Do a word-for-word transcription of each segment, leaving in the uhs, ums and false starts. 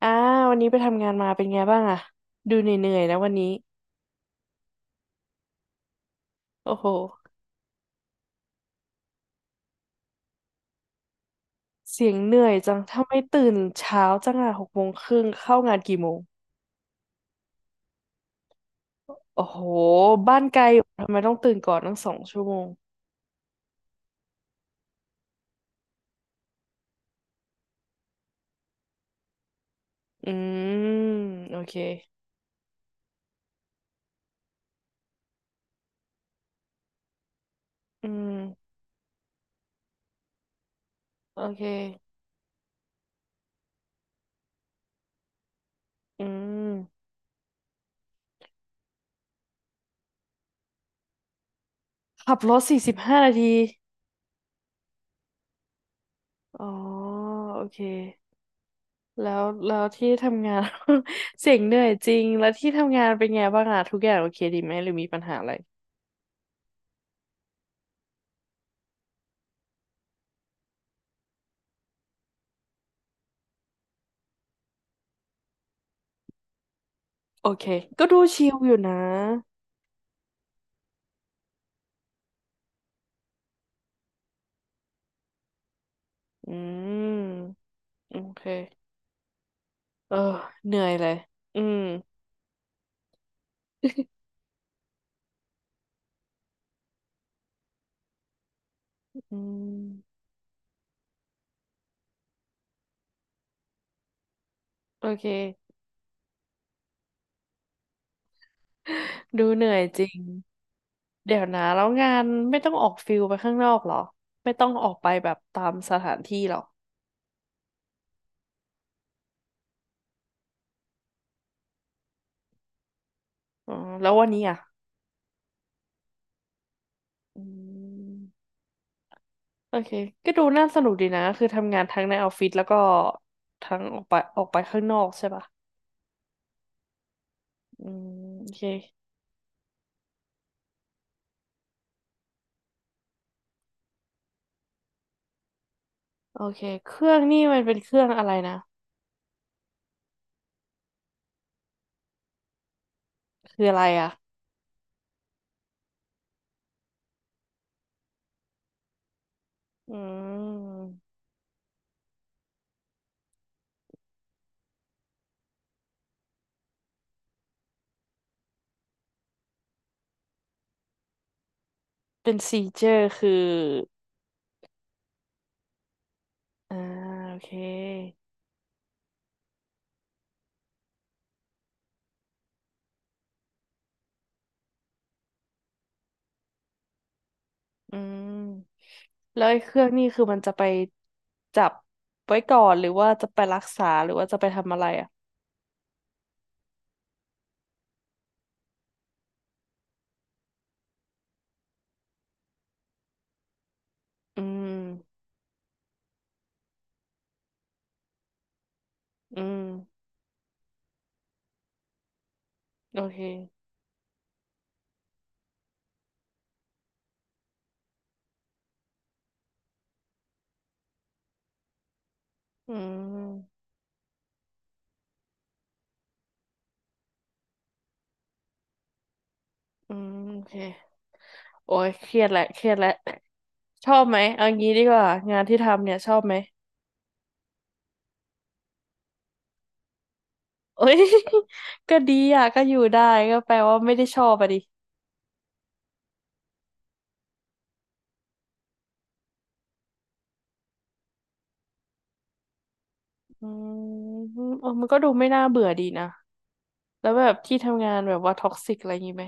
อ่าวันนี้ไปทำงานมาเป็นไงบ้างอะดูเหนื่อยๆนะวันนี้โอ้โหเสียงเหนื่อยจังถ้าไม่ตื่นเช้าจังอะหกโมงครึ่งเข้างานกี่โมงโอ้โหบ้านไกลอยู่ทำไมต้องตื่นก่อนตั้งสองชั่วโมงอืมโอเคอืมโอเคอืมขับรถสี่สิบห้านาทีอ๋อโอเคแล้วแล้วที่ทำงาน เสียงเหนื่อยจริงแล้วที่ทำงานเป็นไงบ้างอะทุกอย่างโอเคดีไหมหรือมีปัญหาอะไร โอเคก็ดูชิลอยู่นะอืมโอเคเออเหนื่อยเลยอืมอืมโอเค ดูเหนื่อยจริง เดี๋ยวนะแล้วงานไม่ต้องออกฟิลไปข้างนอกเหรอไม่ต้องออกไปแบบตามสถานที่เหรออ๋อแล้ววันนี้อ่ะอืมโอเคก็ดูน่าสนุกดีนะคือทำงานทั้งในออฟฟิศแล้วก็ทั้งออกไปออกไปข้างนอกใช่ปะอืมโอเคโอเคเครื่องนี่มันเป็นเครื่องอะไรนะคืออะไรอ่ะอืม เป็นซีเจอร์คืออ่าโอเคอืมแล้วไอ้เครื่องนี่คือมันจะไปจับไว้ก่อนหรือว่าจะไปรักษาหรือว่าจะไปทำอะไรอ่ะอืมอืมโอเคอืมอืมโอเคโอ้ยเครียดแหละเครียดแหละชอบไหมเอางี้ดีกว่างานที่ทำเนี่ยชอบไหมโอ้ย ก็ดีอ่ะก็อยู่ได้ก็แปลว่าไม่ได้ชอบอะดิอืมเออมันก็ดูไม่น่าเบื่อดีนะ แล้วแบบที่ทำงานแบบว่าท็อกซิกอะไรอย่างงี้ไหม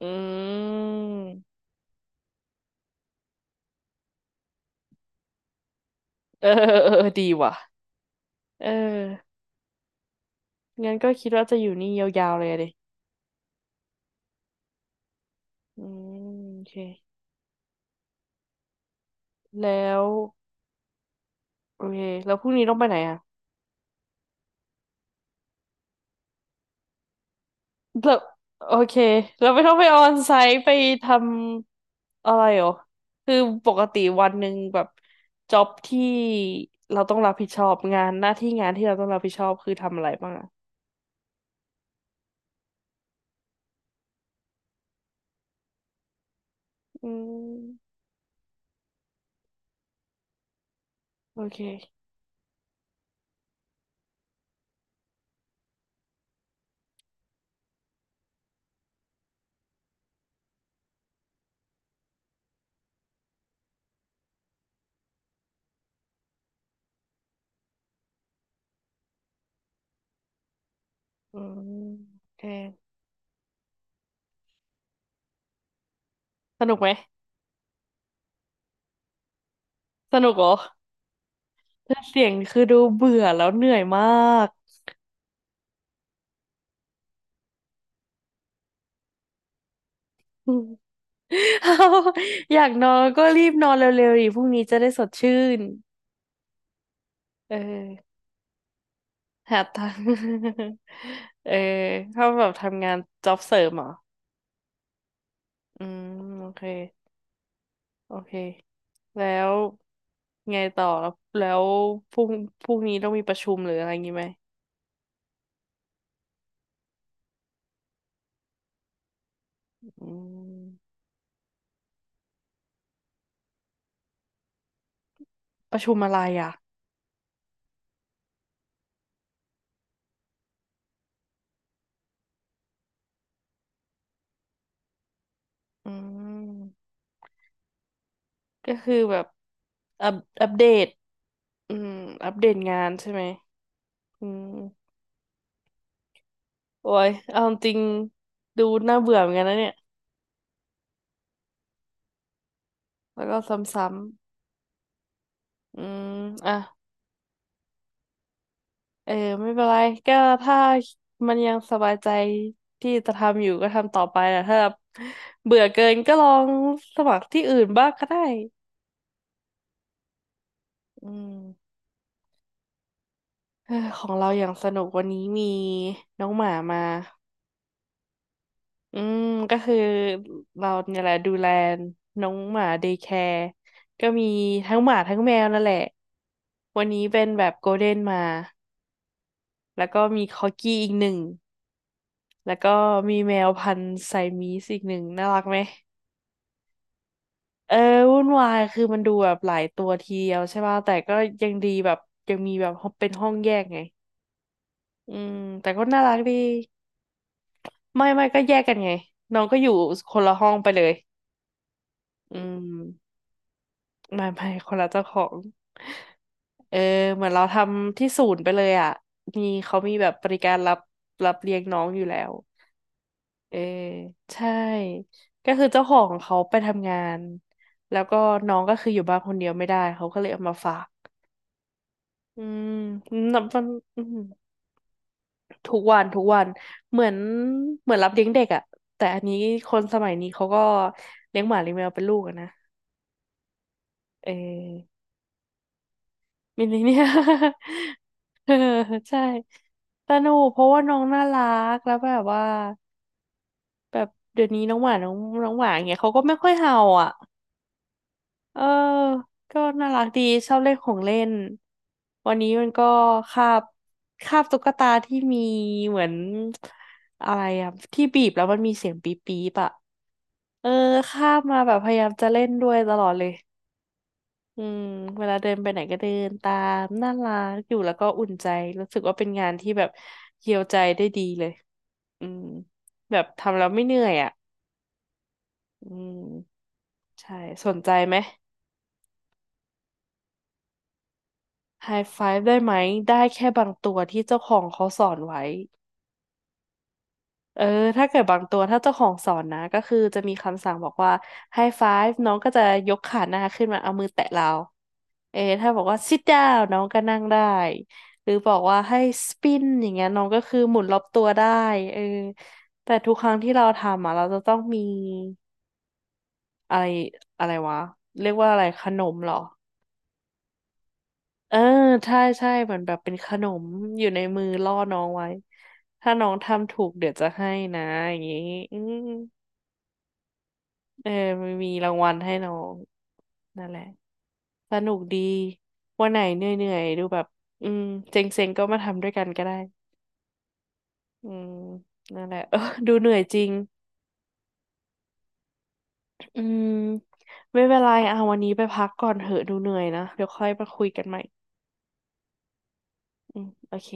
อืมเออ เออเออดีว่ะเอองั้นก็คิดว่าจะอยู่นี่ยาวๆเลยอะดิอืมโอเคแล้วโอเคแล้วพรุ่งนี้ต้องไปไหนอ่ะแล้วโอเคเราไม่ต้องไปออนไซต์ไปทำอะไรหรอคือปกติวันหนึ่งแบบจ็อบที่เราต้องรับผิดชอบงานหน้าที่งานที่เราต้องรับผิดชอบคือทำอะไรบ้างอ่ะอืมโอเคอืมโอเคสนุกไหม สนุกเหรอแต่เสียงคือดูเบื่อแล้วเหนื่อยมาก เอาอยากนอนก็รีบนอนเร็วๆดิพรุ่งนี้จะได้สดชื่นเออหาตังค์ เออถ้าแบบทำงานจ็อบเสริมเหรออืมโอเคโอเค แล้วไงต่อแล้วแล้วพรุ่งพรุ่งนี้ต้องมีประชุมหรืออะไรงี้ไหมอืมประชุมอะไรอ่ะอืมก็คือแบบอัปอัปเดตอืมอัปเดตงานใช่ไหม อืมโอ้ยเอาจริงดูน่าเบื่อเหมือนกันนะเนี่ย แล้วก็ซ้ำๆอืมอ่ะเออไม่เป็นไรก็ถ้ามันยังสบายใจที่จะทำอยู่ก็ทำต่อไปนะถ้าแบบเบื่อเกินก็ลองสมัครที่อื่นบ้างก็ได้อืมเออของเราอย่างสนุกวันนี้มีน้องหมามา อืมก็คือเราเนี่ยแหละดูแลน้องหมาเดย์แคร์ก็มีทั้งหมาทั้งแมวนั่นแหละวันนี้เป็นแบบโกลเด้นมาแล้วก็มีคอกี้อีกหนึ่งแล้วก็มีแมวพันธุ์ไซมีสอีกหนึ่งน่ารักไหมเออวุ่นวายคือมันดูแบบหลายตัวทีเดียวใช่ป่ะแต่ก็ยังดีแบบยังมีแบบเป็นห้องแยกไงอืมแต่ก็น่ารักดีไม่ไม่ก็แยกกันไงน้องก็อยู่คนละห้องไปเลยอืมไม่ไม่คนละเจ้าของ เออเหมือนเราทำที่ศูนย์ไปเลยอ่ะมีเขามีแบบบริการรับรับเลี้ยงน้องอยู่แล้วเออใช่ก็คือเจ้าของเขาไปทำงานแล้วก็น้องก็คืออยู่บ้านคนเดียวไม่ได้เขาก็เลยเอามาฝากอืมนับมันอืมทุกวันทุกวันเหมือนเหมือนรับเลี้ยงเด็กอ่ะแต่อันนี้คนสมัยนี้เขาก็เลี้ยงหมาเลี้ยงแมวเป็นลูกอะนะเออ มินิเนี่ย เออใช่สนุกเพราะว่าน้องน่ารักแล้วแบบว่าแบบเดี๋ยวนี้น้องหมาน้องน้องหมาอย่างเงี้ยเขาก็ไม่ค่อยเห่าอ่ะเออก็น่ารักดีชอบเล่นของเล่นวันนี้มันก็คาบคาบตุ๊กตาที่มีเหมือนอะไรอ่ะที่บีบแล้วมันมีเสียงปี๊บปี๊บอ่ะเออคาบมาแบบพยายามจะเล่นด้วยตลอดเลย อืมเวลาเดินไปไหนก็เดินตามน่ารักอยู่แล้วก็อุ่นใจรู้สึกว่าเป็นงานที่แบบเยียวใจได้ดีเลยอืมแบบทำแล้วไม่เหนื่อยอ่ะอืมใช่สนใจไหมไฮไฟว์ได้ไหมได้แค่บางตัวที่เจ้าของเขาสอนไว้ เออถ้าเกิดบางตัวถ้าเจ้าของสอนนะ ก็คือจะมีคำสั่งบอกว่า ไฮ ไฟว์ น้องก็จะยกขาหน้าขึ้นมา เอามือแตะเราเออถ้าบอกว่า ซิท ดาวน์ น้องก็นั่งได้ หรือบอกว่าให้ สปิน อย่างเงี้ยน้องก็คือหมุนรอบตัวได้เออแต่ทุกครั้งที่เราทำอ่ะเราจะต้องมีอะไรอะไรวะเรียกว่าอะไรขนมเหรอเออใช่ใช่เหมือนแบบเป็นขนมอยู่ในมือล่อน้องไว้ถ้าน้องทำถูกเดี๋ยวจะให้นะอย่างงี้อืม เออมันมีรางวัลให้น้องนั่นแหละสนุกดีวันไหนเหนื่อยๆดูแบบอืมเซ็งๆก็มาทำด้วยกันก็ได้อืมนั่นแหละเออ ดูเหนื่อยจริงอืมไม่เป็นไรอ่ะวันนี้ไปพักก่อนเหอะดูเหนื่อยนะเดี๋ยวค่อยมาคุยกันใหม่อืมโอเค